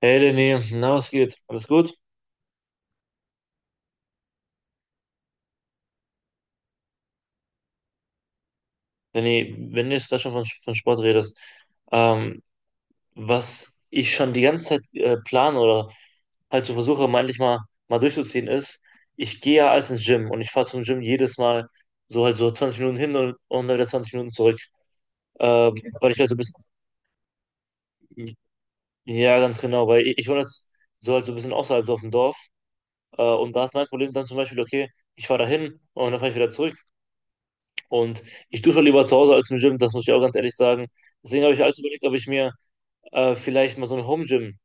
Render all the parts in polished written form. Hey Lenny, na was geht? Alles gut? Lenny, wenn du jetzt gerade schon von Sport redest, ähm, was ich schon die ganze Zeit plane oder halt so versuche, mal endlich mal durchzuziehen, ist, ich gehe ja als ins Gym und ich fahre zum Gym jedes Mal so halt so 20 Minuten hin und dann wieder 20 Minuten zurück. Okay, weil ich halt so ein bisschen, ja ganz genau, weil ich wohne jetzt so halt so ein bisschen außerhalb so auf dem Dorf und da ist mein Problem dann zum Beispiel, okay, ich fahre da hin und dann fahre ich wieder zurück. Und ich dusche lieber zu Hause als im Gym, das muss ich auch ganz ehrlich sagen. Deswegen habe ich alles überlegt, ob ich mir vielleicht mal so ein Home-Gym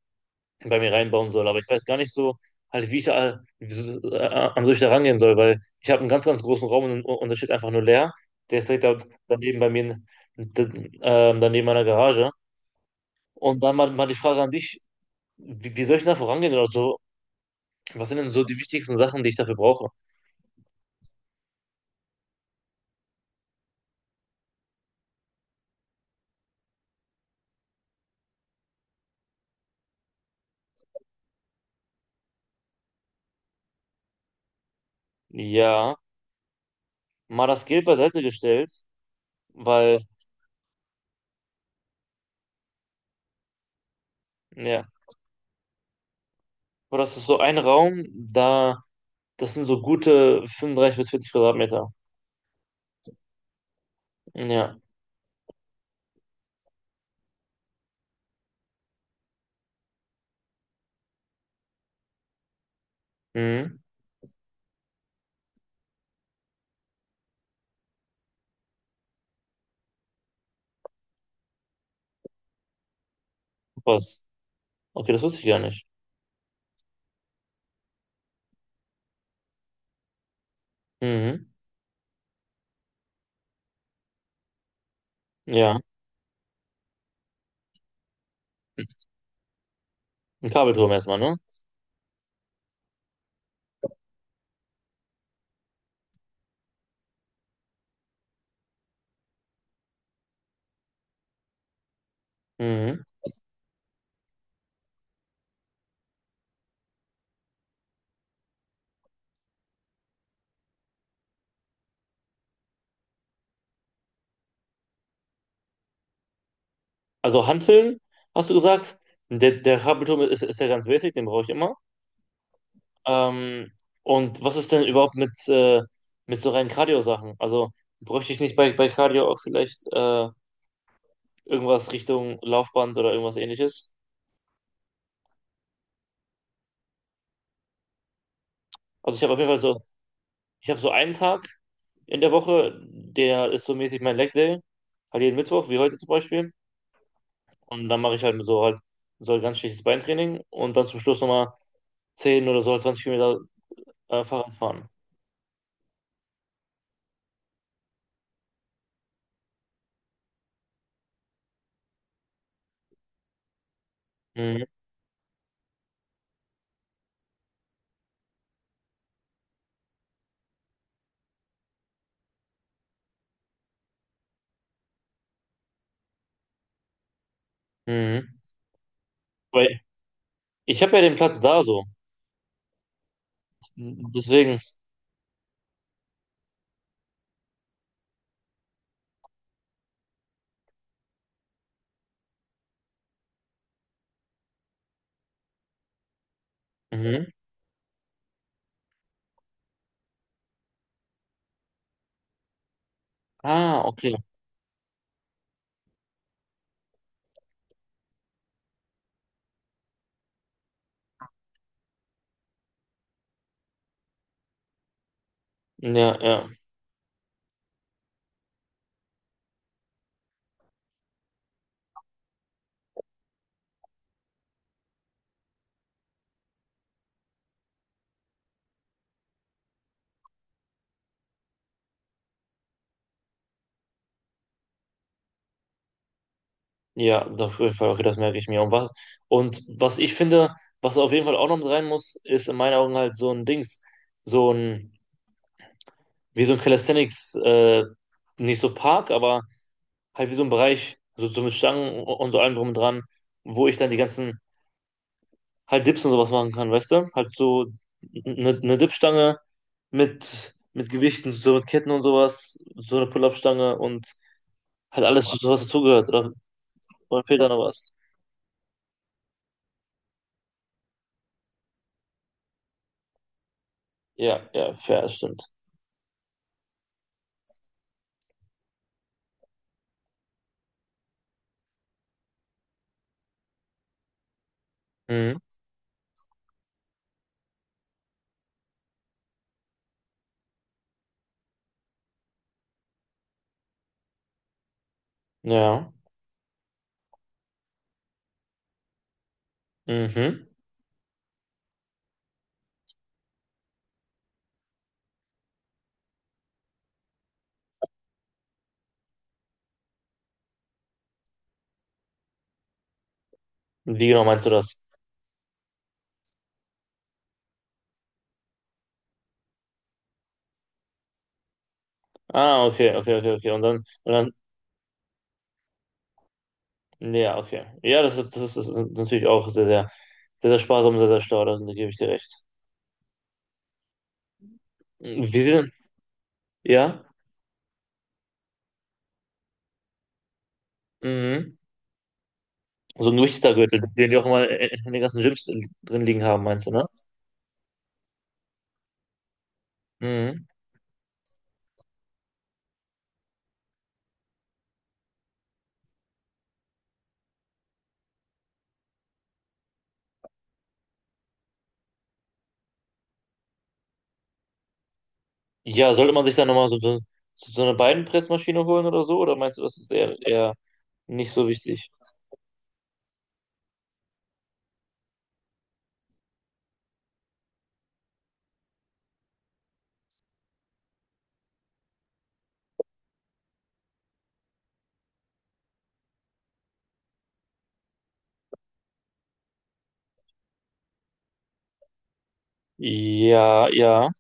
bei mir reinbauen soll. Aber ich weiß gar nicht so, halt, wie ich da, wie so, an solche da rangehen soll, weil ich habe einen ganz, ganz großen Raum und da steht einfach nur leer. Der ist direkt da, daneben bei mir, d- daneben meiner Garage. Und dann mal die Frage an dich, wie soll ich denn da vorangehen oder so? Was sind denn so die wichtigsten Sachen, die ich dafür brauche? Ja, mal das Geld beiseite gestellt, weil, ja. Boah, das ist so ein Raum, da, das sind so gute 35 bis 40 Quadratmeter. Hm, ja. Mhm. Was? Okay, das wusste ich gar nicht. Mhm. Ja. Ein Kabelturm erstmal, ne? Mhm. Also Hanteln, hast du gesagt? Der Kabelturm ist, ist ja ganz basic, den brauche ich immer. Ähm, und was ist denn überhaupt mit so reinen Cardio-Sachen? Also bräuchte ich nicht bei Cardio auch vielleicht irgendwas Richtung Laufband oder irgendwas ähnliches? Also ich habe auf jeden Fall so, ich habe so einen Tag, in der Woche, der ist so mäßig mein Leg Day, halt jeden Mittwoch, wie heute zum Beispiel. Und dann mache ich halt so ein ganz schlechtes Beintraining und dann zum Schluss nochmal 10 oder so 20 Kilometer Fahrrad fahren. Mhm. Mhm. Weil ich habe ja den Platz da so. Deswegen. Mhm. Ah, okay. Ja, ja. Ja, auf jeden Fall, okay, das merke ich mir. Und was ich finde, was auf jeden Fall auch noch mit rein muss, ist in meinen Augen halt so ein Dings, so ein, wie so ein Calisthenics, nicht so Park, aber halt wie so ein Bereich, so mit Stangen und so allem drum und dran, wo ich dann die ganzen halt Dips und sowas machen kann, weißt du? Halt so eine Dipstange mit Gewichten, so mit Ketten und sowas, so eine Pull-up-Stange und halt alles, so was dazugehört. Oder fehlt da noch was? Ja, ja, fair, das stimmt. Mhm. Ja. Mhm. Wie genau meinst du das? Ah, okay, okay, okay, okay. Und dann, nee, ja, okay. Ja, das ist natürlich auch sehr, sehr, sehr, sehr sparsam, sehr, sehr schlau, da gebe ich dir recht. Wie sieht Ja? Mhm. So ein Richter-Gürtel, den die auch immer in den ganzen Gyms drin liegen haben, meinst du, ne? Mhm. Ja, sollte man sich dann nochmal so eine Beinpressmaschine holen oder so? Oder meinst du, das ist eher nicht so wichtig? Ja, ja.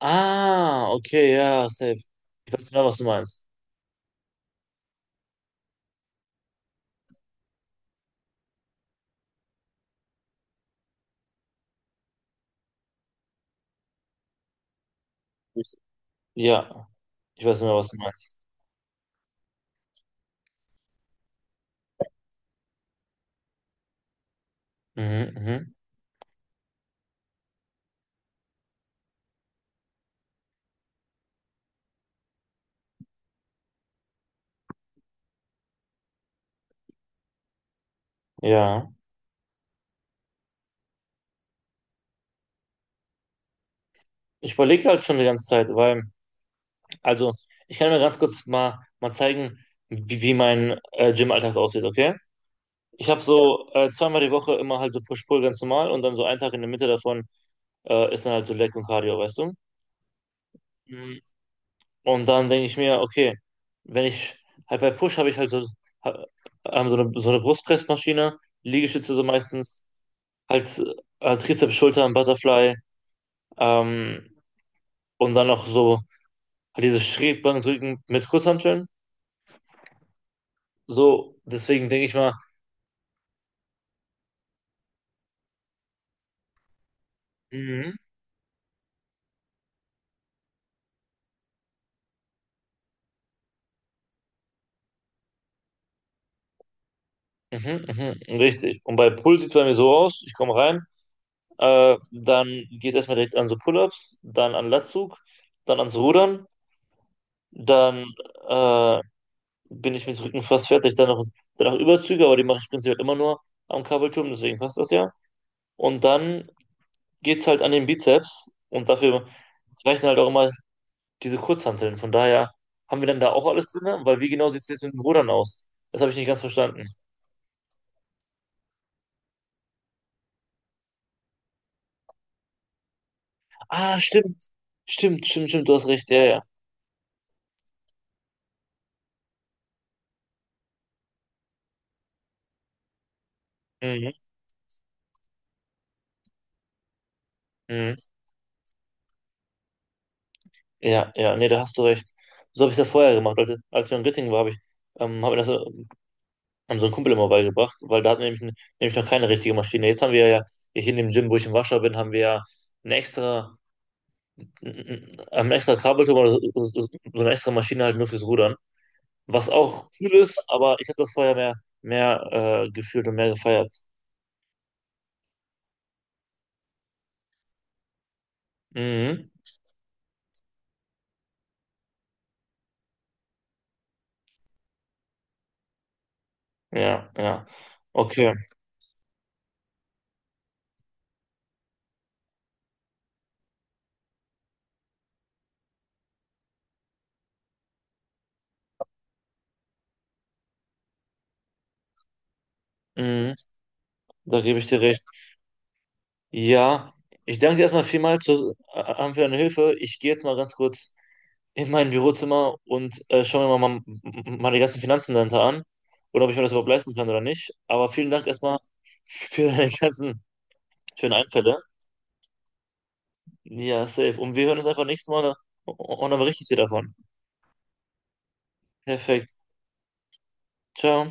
Ah, okay, ja, safe. Ich weiß genau, was du meinst. Ich, ja, ich weiß genau, was du meinst. Mhm, mhm, ja. Ich überlege halt schon die ganze Zeit, weil, also, ich kann mir ganz kurz mal zeigen, wie mein Gym-Alltag aussieht, okay? Ich habe so zweimal die Woche immer halt so Push-Pull ganz normal und dann so einen Tag in der Mitte davon ist dann halt so Leg und Cardio, weißt du? Mhm. Und dann denke ich mir, okay, wenn ich halt bei Push habe ich halt so, ha- so eine Brustpressmaschine, Liegestütze so meistens, halt Trizeps, Schultern, Butterfly, ähm, und dann noch so halt diese Schrägbankdrücken mit Kurzhanteln. So, deswegen denke ich mal, mhm, mhm, mhm, richtig. Und bei Pull sieht es bei mir so aus, ich komme rein. Dann geht es erstmal direkt an so Pull-ups, dann an Latzug, dann ans Rudern, dann äh, bin ich mit Rücken fast fertig. Dann noch Überzüge, aber die mache ich prinzipiell immer nur am Kabelturm, deswegen passt das ja. Und dann geht es halt an den Bizeps und dafür reichen halt auch immer diese Kurzhanteln. Von daher haben wir dann da auch alles drin, weil wie genau sieht es jetzt mit dem Rudern aus? Das habe ich nicht ganz verstanden. Ah, stimmt. Stimmt, stimmt, stimmt, du hast recht. Ja, ja. Mhm. Mhm. Ja, ja, nee, da hast du recht. So habe ich es ja vorher gemacht. Als wir in Göttingen waren, hab mir das an so einen Kumpel immer beigebracht, weil da hatten wir nämlich noch keine richtige Maschine. Jetzt haben wir ja, hier in dem Gym, wo ich im Warschau bin, haben wir ja eine extra, einen extra Kabelturm oder so eine extra Maschine halt nur fürs Rudern. Was auch cool ist, aber ich habe das vorher mehr gefühlt und mehr gefeiert. Mhm. Ja, ja. Okay. Mhm. Da gebe ich dir recht. Ja, ich danke dir erstmal vielmals für deine Hilfe. Ich gehe jetzt mal ganz kurz in mein Bürozimmer und schaue mir mal meine ganzen Finanzen dahinter an oder ob ich mir das überhaupt leisten kann oder nicht. Aber vielen Dank erstmal für deine ganzen schönen Einfälle. Ja, safe. Und wir hören uns einfach nächstes Mal und dann berichte ich dir davon. Perfekt. Ciao.